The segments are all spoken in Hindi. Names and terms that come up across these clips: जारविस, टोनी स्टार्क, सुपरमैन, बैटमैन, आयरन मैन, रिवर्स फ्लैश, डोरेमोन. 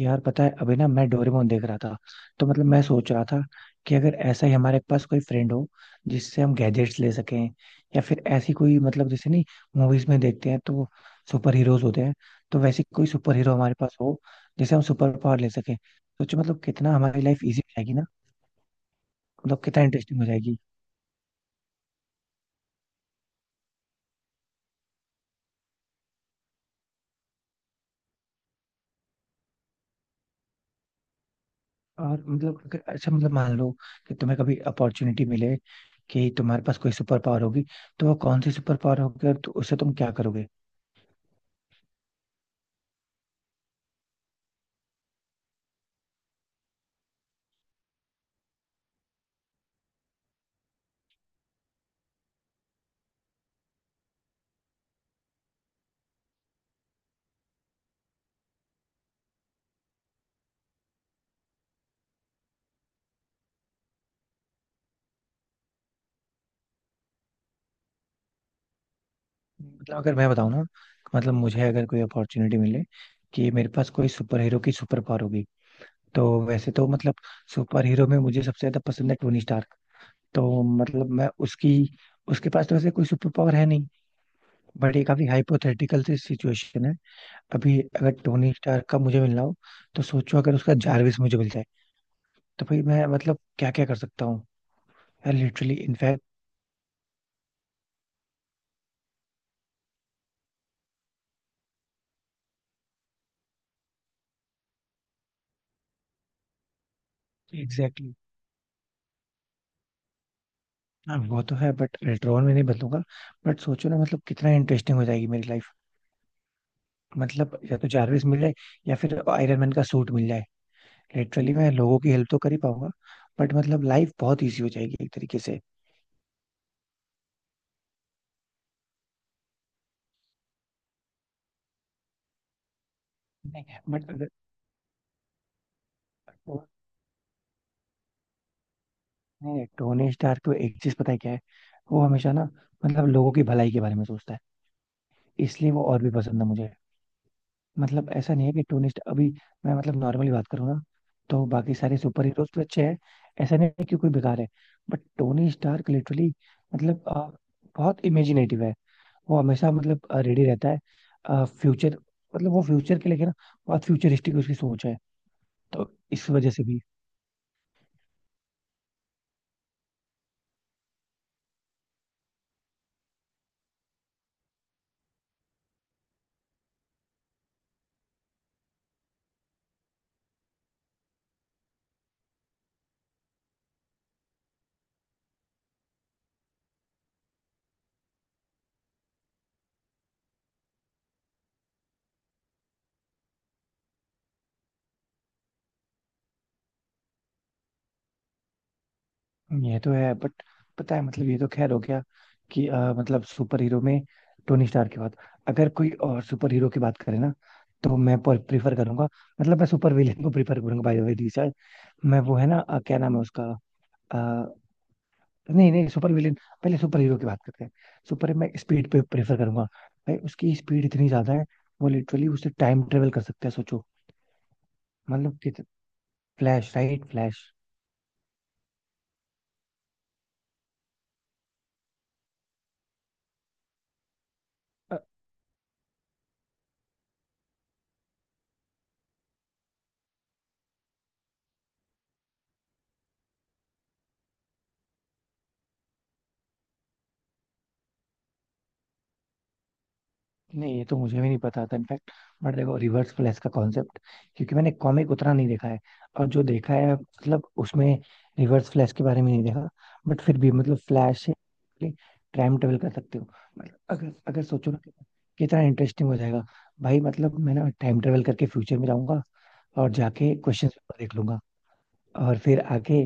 यार पता है अभी ना मैं डोरेमोन देख रहा था। तो मतलब मैं सोच रहा था कि अगर ऐसा ही हमारे पास कोई फ्रेंड हो जिससे हम गैजेट्स ले सकें या फिर ऐसी कोई मतलब जैसे नहीं मूवीज में देखते हैं तो सुपर हीरोज होते हैं। तो वैसे कोई सुपर हीरो हमारे पास हो जिसे हम सुपर पावर ले सकें। सोचो मतलब कितना हमारी लाइफ इजी हो जाएगी ना। मतलब कितना इंटरेस्टिंग हो जाएगी। और मतलब अगर अच्छा मतलब मान लो कि तुम्हें कभी अपॉर्चुनिटी मिले कि तुम्हारे पास कोई सुपर पावर होगी, तो वो कौन सी सुपर पावर होगी और उससे तुम क्या करोगे? मतलब अगर मैं बताऊं ना, मतलब मुझे अगर कोई अपॉर्चुनिटी मिले कि मेरे पास कोई सुपर हीरो की सुपर पावर होगी, तो वैसे तो मतलब सुपर हीरो में मुझे सबसे ज्यादा पसंद है टोनी स्टार्क। तो मतलब मैं उसकी उसके पास तो वैसे कोई सुपर पावर है नहीं। बट ये काफी हाइपोथेटिकल सी सिचुएशन है। अभी अगर टोनी स्टार्क का मुझे मिलना हो तो सोचो अगर उसका जारविस मुझे मिल जाए तो भाई मैं मतलब क्या क्या कर सकता हूँ। यार लिटरली इनफैक्ट। एग्जैक्टली। हाँ वो तो है, बट लेटर ऑन में नहीं बदलूंगा। बट सोचो ना मतलब कितना इंटरेस्टिंग हो जाएगी मेरी लाइफ। मतलब या तो जारविस मिल जाए या फिर आयरन मैन का सूट मिल जाए। लिटरली मैं लोगों की हेल्प तो कर ही पाऊंगा। बट मतलब लाइफ बहुत इजी हो जाएगी एक तरीके से। नहीं। बट नहीं, टोनी स्टार्क को एक चीज पता है क्या है। वो हमेशा ना मतलब लोगों की भलाई के बारे में सोचता है। इसलिए वो और भी पसंद है मुझे। मतलब ऐसा नहीं है कि टोनी स्टार्क अभी, मैं मतलब नॉर्मली बात करूँ ना तो बाकी सारे सुपर हीरोज तो अच्छे हैं। ऐसा नहीं है कि कोई बेकार है। बट टोनी स्टार्क लिटरली मतलब बहुत इमेजिनेटिव है। वो हमेशा मतलब रेडी रहता है फ्यूचर। मतलब वो फ्यूचर के लेके ना बहुत फ्यूचरिस्टिक उसकी सोच है। तो इस वजह से भी। ये तो है, बट पता है मतलब ये तो खैर हो गया कि मतलब सुपर हीरो में टोनी स्टार की बात। अगर कोई और सुपर हीरो की बात करें ना तो मैं प्रीफर करूंगा। मतलब मैं सुपर विलेन को प्रीफर करूंगा बाय द वे। मैं वो है ना क्या नाम है उसका। नहीं नहीं, सुपर विलेन। पहले सुपर हीरो की बात करते हैं। सुपर मैं स्पीड पे प्रेफर करूंगा। भाई उसकी स्पीड इतनी ज्यादा है। वो लिटरली उससे टाइम ट्रेवल कर सकता है। सोचो मतलब कि फ्लैश, राइट, फ्लैश। नहीं ये तो मुझे भी नहीं पता था इनफैक्ट। बट देखो रिवर्स फ्लैश का कॉन्सेप्ट, क्योंकि मैंने कॉमिक उतना नहीं देखा है। और जो देखा है मतलब उसमें रिवर्स फ्लैश के बारे में नहीं देखा। बट फिर भी मतलब फ्लैश से टाइम ट्रेवल कर सकते हो। मतलब अगर अगर सोचो ना कितना इंटरेस्टिंग हो जाएगा। भाई मतलब मैं ना टाइम ट्रेवल करके फ्यूचर में जाऊंगा और जाके क्वेश्चन पेपर देख लूंगा। और फिर आके,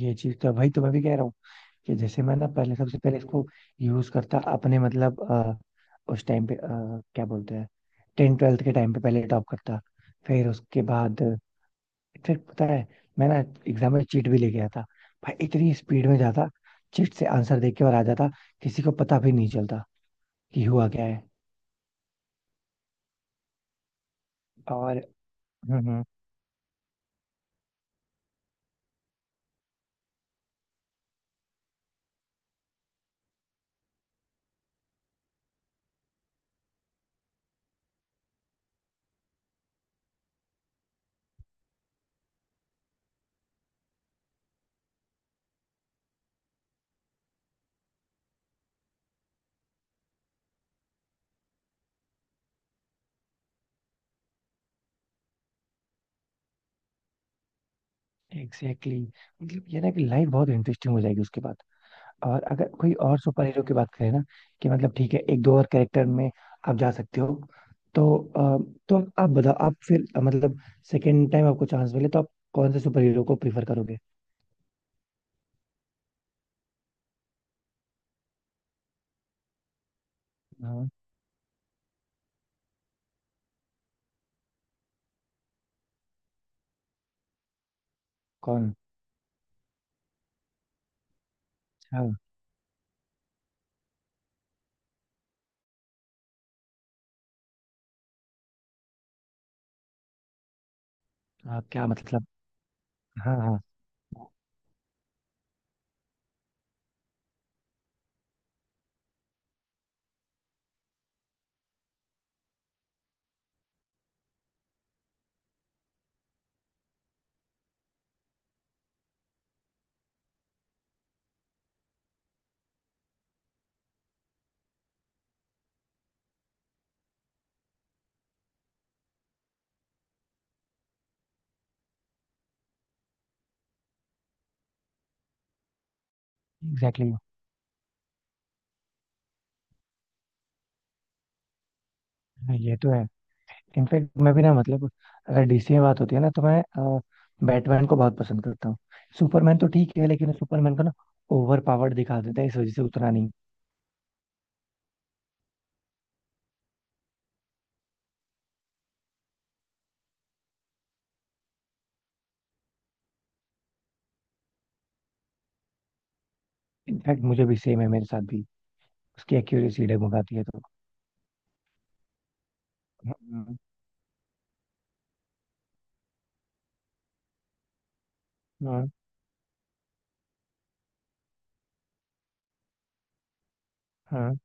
ये चीज तो भाई, तो मैं भी कह रहा हूँ कि जैसे मैं ना पहले सबसे पहले इसको यूज करता अपने मतलब उस टाइम पे क्या बोलते हैं, टेन ट्वेल्थ के टाइम पे पहले टॉप करता। फिर उसके बाद, फिर पता है, मैं ना एग्जाम में चीट भी ले गया था। भाई इतनी स्पीड में जाता, चीट से आंसर देख के और आ जाता। किसी को पता भी नहीं चलता कि हुआ क्या है। और हम्म एग्जैक्टली, exactly. मतलब ये ना कि लाइफ बहुत इंटरेस्टिंग हो जाएगी उसके बाद। और अगर कोई और सुपर हीरो की बात करें ना कि मतलब ठीक है एक दो और कैरेक्टर में आप जा सकते हो। तो तो आप बताओ, आप फिर मतलब सेकेंड टाइम आपको चांस मिले तो आप कौन से सुपर हीरो को प्रीफर करोगे? हाँ। कौन? अच्छा। हाँ, क्या मतलब। हाँ हाँ। एग्जैक्टली, exactly, ये तो है। इनफैक्ट मैं भी ना मतलब, अगर डीसी में बात होती है ना तो मैं बैटमैन को बहुत पसंद करता हूँ। सुपरमैन तो ठीक है लेकिन सुपरमैन को ना ओवर पावर्ड दिखा देते हैं, इस वजह से उतना नहीं। इनफैक्ट मुझे भी सेम है, मेरे साथ भी। उसकी एक्यूरेसी डगमगाती है तो। हाँ हाँ हाँ।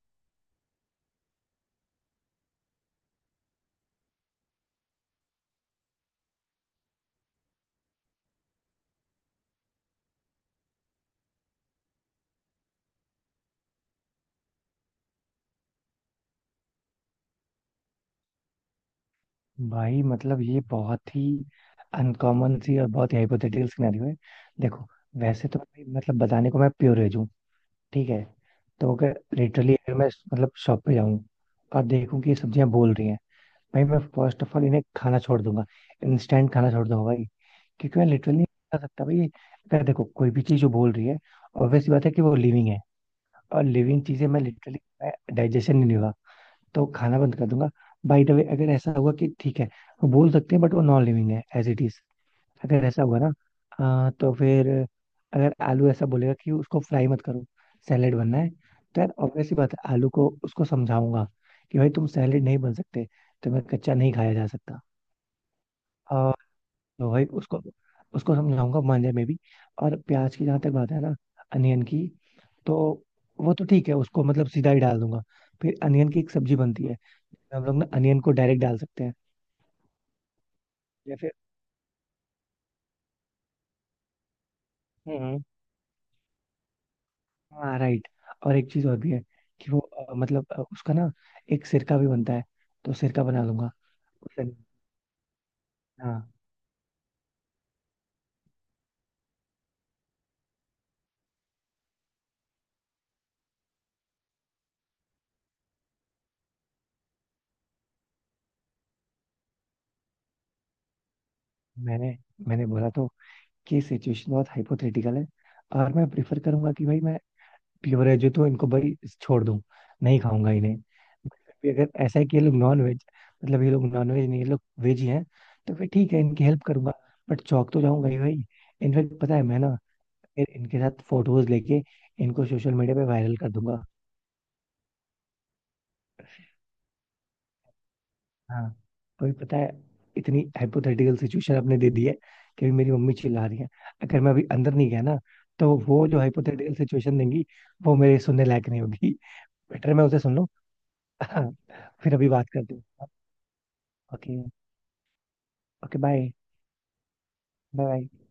भाई मतलब ये बहुत ही अनकॉमन सी और बहुत ही हाइपोथेटिकल सिनेरियो है। देखो, वैसे तो भाई मतलब बताने को मैं प्योरेज हूँ। ठीक है। तो अगर लिटरली, अगर मैं मतलब शॉप पे जाऊँ और देखूँ कि ये सब्जियां बोल रही हैं, भाई मैं फर्स्ट ऑफ ऑल इन्हें खाना छोड़ दूंगा। इंस्टेंट खाना छोड़ दूंगा भाई। क्योंकि मैं लिटरली नहीं खा सकता भाई। अगर देखो कोई भी चीज जो बोल रही है, ऑब्वियस बात है कि वो लिविंग है। और लिविंग चीजें मैं लिटरली, डाइजेशन नहीं होगा। तो खाना बंद कर दूंगा। बाय द वे, अगर ऐसा हुआ कि ठीक है वो बोल सकते हैं बट वो नॉन लिविंग है एज इट इज। अगर ऐसा हुआ ना, तो फिर अगर आलू ऐसा बोलेगा कि उसको फ्राई मत करो, सैलेड बनना है, तो यार ऑब्वियस ही बात है, आलू को उसको समझाऊंगा कि भाई तुम सैलेड नहीं बन सकते। तुम्हें कच्चा नहीं खाया जा सकता। और तो भाई उसको उसको समझाऊंगा, मान जाए मे भी। और प्याज की जहां तक बात है ना, अनियन की। तो वो तो ठीक है, उसको मतलब सीधा ही डाल दूंगा। फिर अनियन की एक सब्जी बनती है। हम लोग ना अनियन को डायरेक्ट डाल सकते हैं। या फिर हम्म हाँ राइट। और एक चीज और भी है कि वो मतलब उसका ना एक सिरका भी बनता है। तो सिरका बना लूंगा उससे। हाँ। मैंने मैंने बोला तो कि सिचुएशन बहुत हाइपोथेटिकल है। और मैं प्रिफर करूंगा कि भाई मैं प्योर वेज हूं, तो इनको भाई छोड़ दूं। नहीं खाऊंगा इन्हें। फिर अगर ऐसा है कि ये लोग नॉन वेज, मतलब ये लोग नॉन वेज नहीं, ये लोग वेज ही हैं। तो फिर ठीक है इनकी हेल्प करूंगा। बट चौक तो जाऊंगा ही भाई। इनफेक्ट पता है, मैं ना फिर इनके साथ फोटोज लेके इनको सोशल मीडिया पे वायरल कर दूंगा। हाँ। कोई पता है, इतनी हाइपोथेटिकल सिचुएशन आपने दे दी है कि मेरी मम्मी चिल्ला रही है। अगर मैं अभी अंदर नहीं गया ना, तो वो जो हाइपोथेटिकल सिचुएशन देंगी वो मेरे सुनने लायक नहीं होगी। बेटर मैं उसे सुन लूं। फिर अभी बात करते हैं। Okay. Okay bye. Bye bye.